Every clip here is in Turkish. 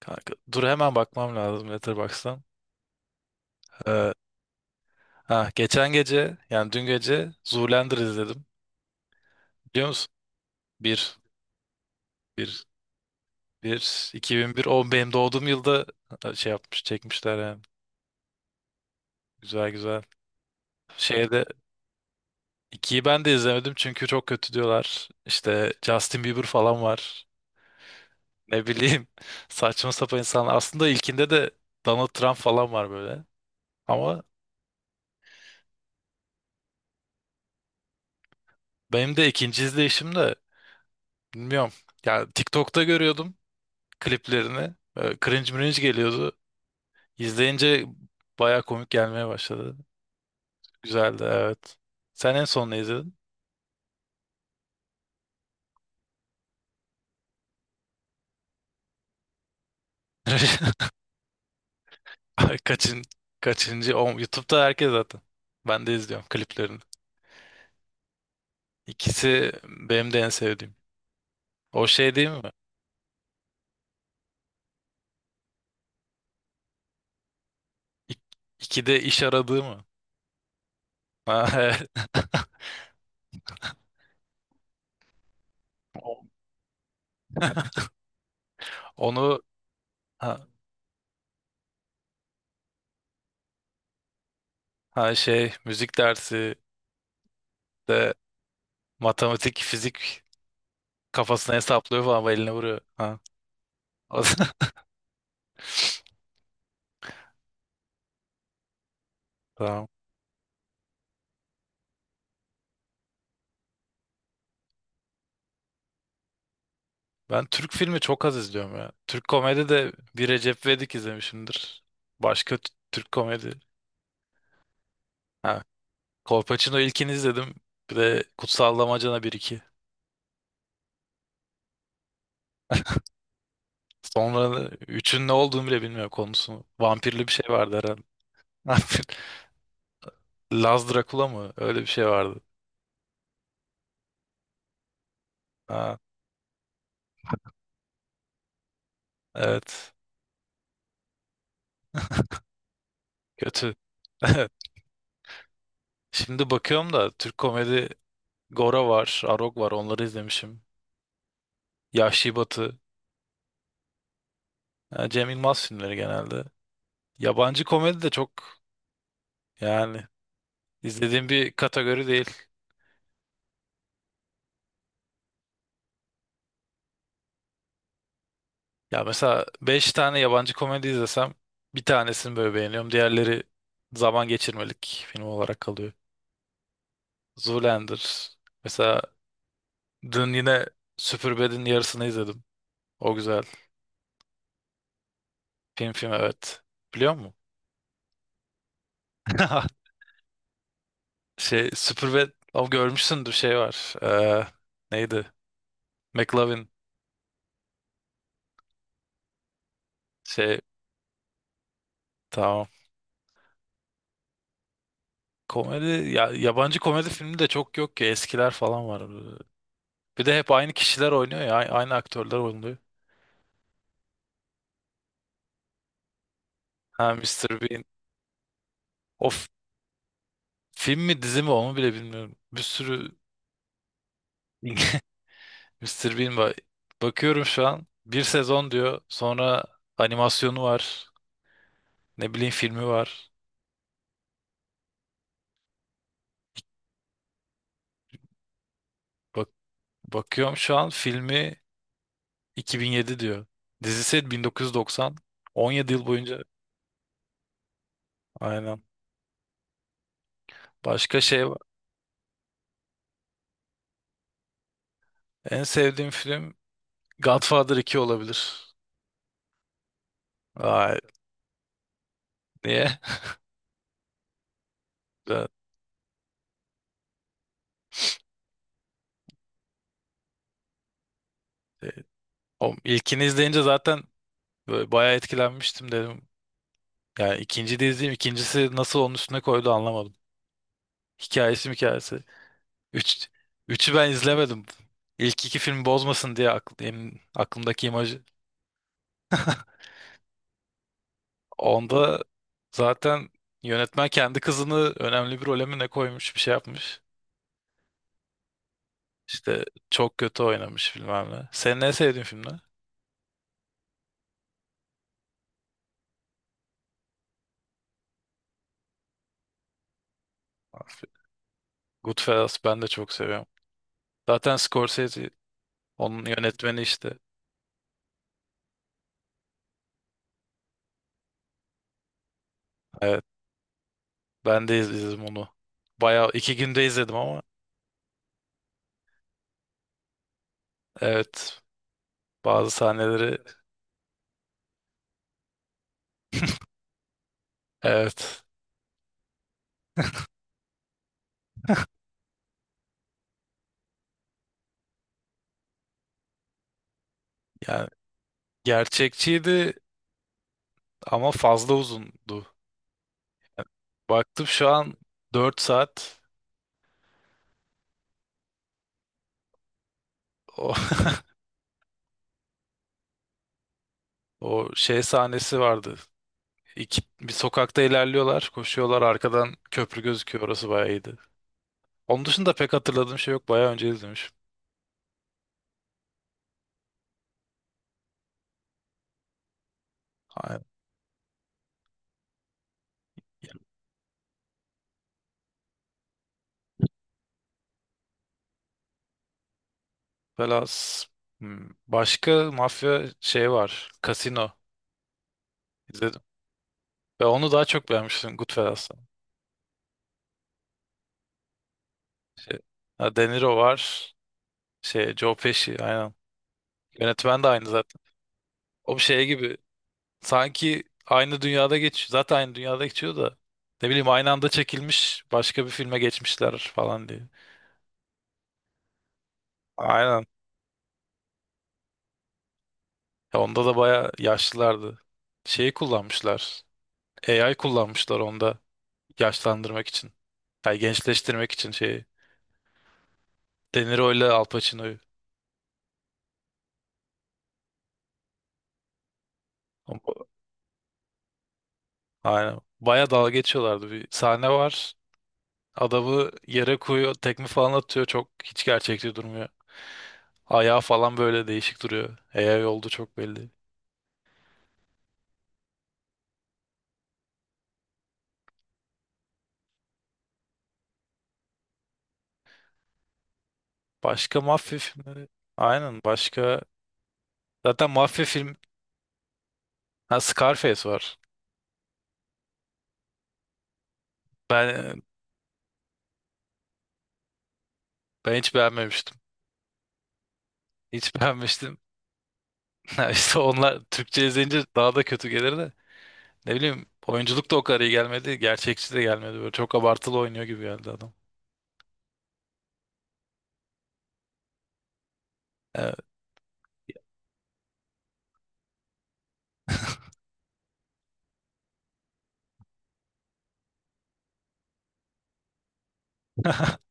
Kanka, dur hemen bakmam lazım Letterboxd'dan. Ee, ha, geçen gece yani dün gece Zoolander izledim. Biliyor musun? Bir, bir, bir, 2001, o benim doğduğum yılda şey yapmış çekmişler yani. Güzel güzel. Şeyde ikiyi ben de izlemedim çünkü çok kötü diyorlar. İşte Justin Bieber falan var. Ne bileyim saçma sapan insanlar. Aslında ilkinde de Donald Trump falan var böyle. Ama benim de ikinci izleyişim de bilmiyorum. Yani TikTok'ta görüyordum kliplerini. Cringe mringe geliyordu. İzleyince baya komik gelmeye başladı. Güzeldi, evet. Sen en son ne izledin? Ay, kaçıncı? O, YouTube'da herkes zaten. Ben de izliyorum kliplerini. İkisi benim de en sevdiğim. O şey değil mi? İk, ikide iş aradığı mı? Ha, evet. O- Onu, ha, ha, şey müzik dersi de matematik, fizik kafasına hesaplıyor falan ve eline vuruyor. Ha. O- Tamam. Ben Türk filmi çok az izliyorum ya. Türk komedi de bir Recep İvedik izlemişimdir. Başka Türk komedi. Ha, Kolpaçino ilkini izledim. Bir de Kutsal Damacana 1-2. Sonra üçün ne olduğunu bile bilmiyorum konusunu. Vampirli bir şey vardı herhalde. Laz Dracula mı? Öyle bir şey vardı. Ha, evet. Kötü. Şimdi bakıyorum da Türk komedi, Gora var, Arog var, onları izlemişim. Yahşi Batı. Ha, Cem Yılmaz filmleri genelde. Yabancı komedi de çok, yani izlediğim bir kategori değil. Ya mesela 5 tane yabancı komedi izlesem bir tanesini böyle beğeniyorum. Diğerleri zaman geçirmelik film olarak kalıyor. Zoolander. Mesela dün yine Superbad'in yarısını izledim. O güzel. Film film, evet. Biliyor musun? Şey, Superbad, o görmüşsündür, şey var. Neydi? McLovin, şey, tamam. Komedi ya, yabancı komedi filmi de çok yok ki, eskiler falan var. Bir de hep aynı kişiler oynuyor ya. Aynı aktörler oynuyor. Ha, Mr. Bean. O f- Film mi, dizi mi, onu bile bilmiyorum. Bir sürü Mister Bean var. Bakıyorum şu an. Bir sezon diyor. Sonra animasyonu var. Ne bileyim, filmi var. Bak, bakıyorum şu an, filmi 2007 diyor. Dizisi 1990. 17 yıl boyunca. Aynen. Başka şey var. En sevdiğim film Godfather 2 olabilir. Vay. Niye? Ben- e, O ilkini izleyince zaten böyle bayağı etkilenmiştim, dedim. Yani ikinci de izleyeyim. İkincisi nasıl onun üstüne koydu anlamadım. Hikayesi, hikayesi. Üç, üçü ben izlemedim. İlk iki film bozmasın diye aklımdaki imajı. Onda zaten yönetmen kendi kızını önemli bir role mi ne koymuş, bir şey yapmış. İşte çok kötü oynamış bilmem ne. Senin en sevdiğin film ne? Goodfellas, ben de çok seviyorum. Zaten Scorsese onun yönetmeni işte. Evet, ben de izledim onu. Bayağı 2 günde izledim ama. Evet. Bazı sahneleri, evet. Yani gerçekçiydi ama fazla uzundu. Baktım şu an 4 saat. o, O şey sahnesi vardı. İki, bir sokakta ilerliyorlar, koşuyorlar, arkadan köprü gözüküyor. Orası bayağı iyiydi. Onun dışında pek hatırladığım şey yok. Bayağı önce izlemişim. Aynen. Velas, başka mafya şey var. Casino izledim. Ve onu daha çok beğenmiştim Goodfellas'tan. Şey, ha, De Niro var. Şey, Joe Pesci, aynen. Yönetmen de aynı zaten. O bir şey gibi, sanki aynı dünyada geçiyor. Zaten aynı dünyada geçiyor da, ne bileyim, aynı anda çekilmiş başka bir filme geçmişler falan diye. Aynen. Ya onda da bayağı yaşlılardı. Şeyi kullanmışlar. AI kullanmışlar onda, yaşlandırmak için. Yani gençleştirmek için şeyi. De Niro ile Al Pacino'yu. Aynen, baya dalga geçiyorlardı. Bir sahne var. Adamı yere koyuyor. Tekme falan atıyor. Çok, hiç gerçekçi durmuyor. Ayağı falan böyle değişik duruyor. AI oldu çok belli. Başka mafya filmleri. Aynen, başka. Zaten mafya film. Ha, Scarface var. Ben ben hiç beğenmemiştim. Hiç beğenmiştim. Ha, İşte onlar Türkçe izleyince daha da kötü gelir de. Ne bileyim, oyunculuk da o kadar iyi gelmedi. Gerçekçi de gelmedi. Böyle çok abartılı oynuyor gibi geldi adam. Evet.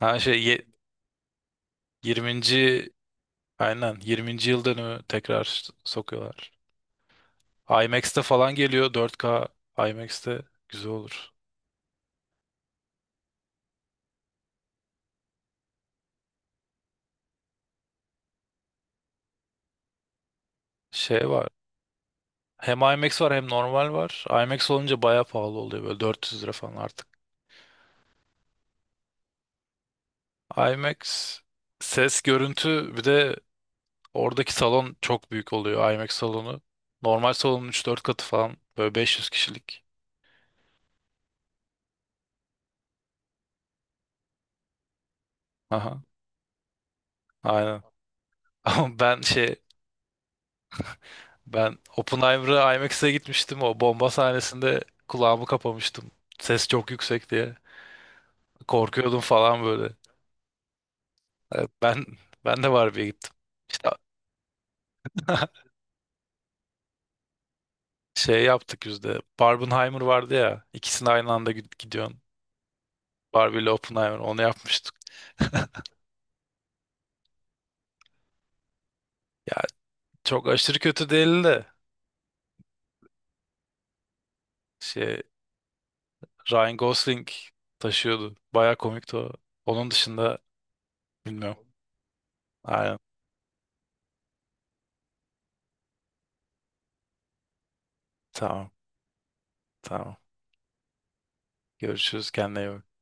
Ha şey ye- 20. Aynen, yirminci yıl dönümü tekrar sokuyorlar. IMAX'te falan geliyor, dört k, IMAX'te güzel olur. Şey var. Hem IMAX var hem normal var. IMAX olunca bayağı pahalı oluyor, böyle 400 lira falan artık. IMAX ses, görüntü, bir de oradaki salon çok büyük oluyor, IMAX salonu. Normal salonun üç dört katı falan, böyle 500 kişilik. Aha, aynen. Ama ben Oppenheimer'a IMAX'e gitmiştim, o bomba sahnesinde kulağımı kapamıştım. Ses çok yüksek diye korkuyordum falan böyle. Evet, ben de Barbie'ye gittim. İşte şey yaptık biz de. Barbenheimer vardı ya. İkisini aynı anda gidiyorsun. Barbie ile Oppenheimer. Onu yapmıştık. Ya çok aşırı kötü değildi de. Şey, Ryan Gosling taşıyordu. Baya komikti o. Onun dışında bilmiyorum. Aynen. Tamam. Tamam. Görüşürüz. Kendine iyi bak.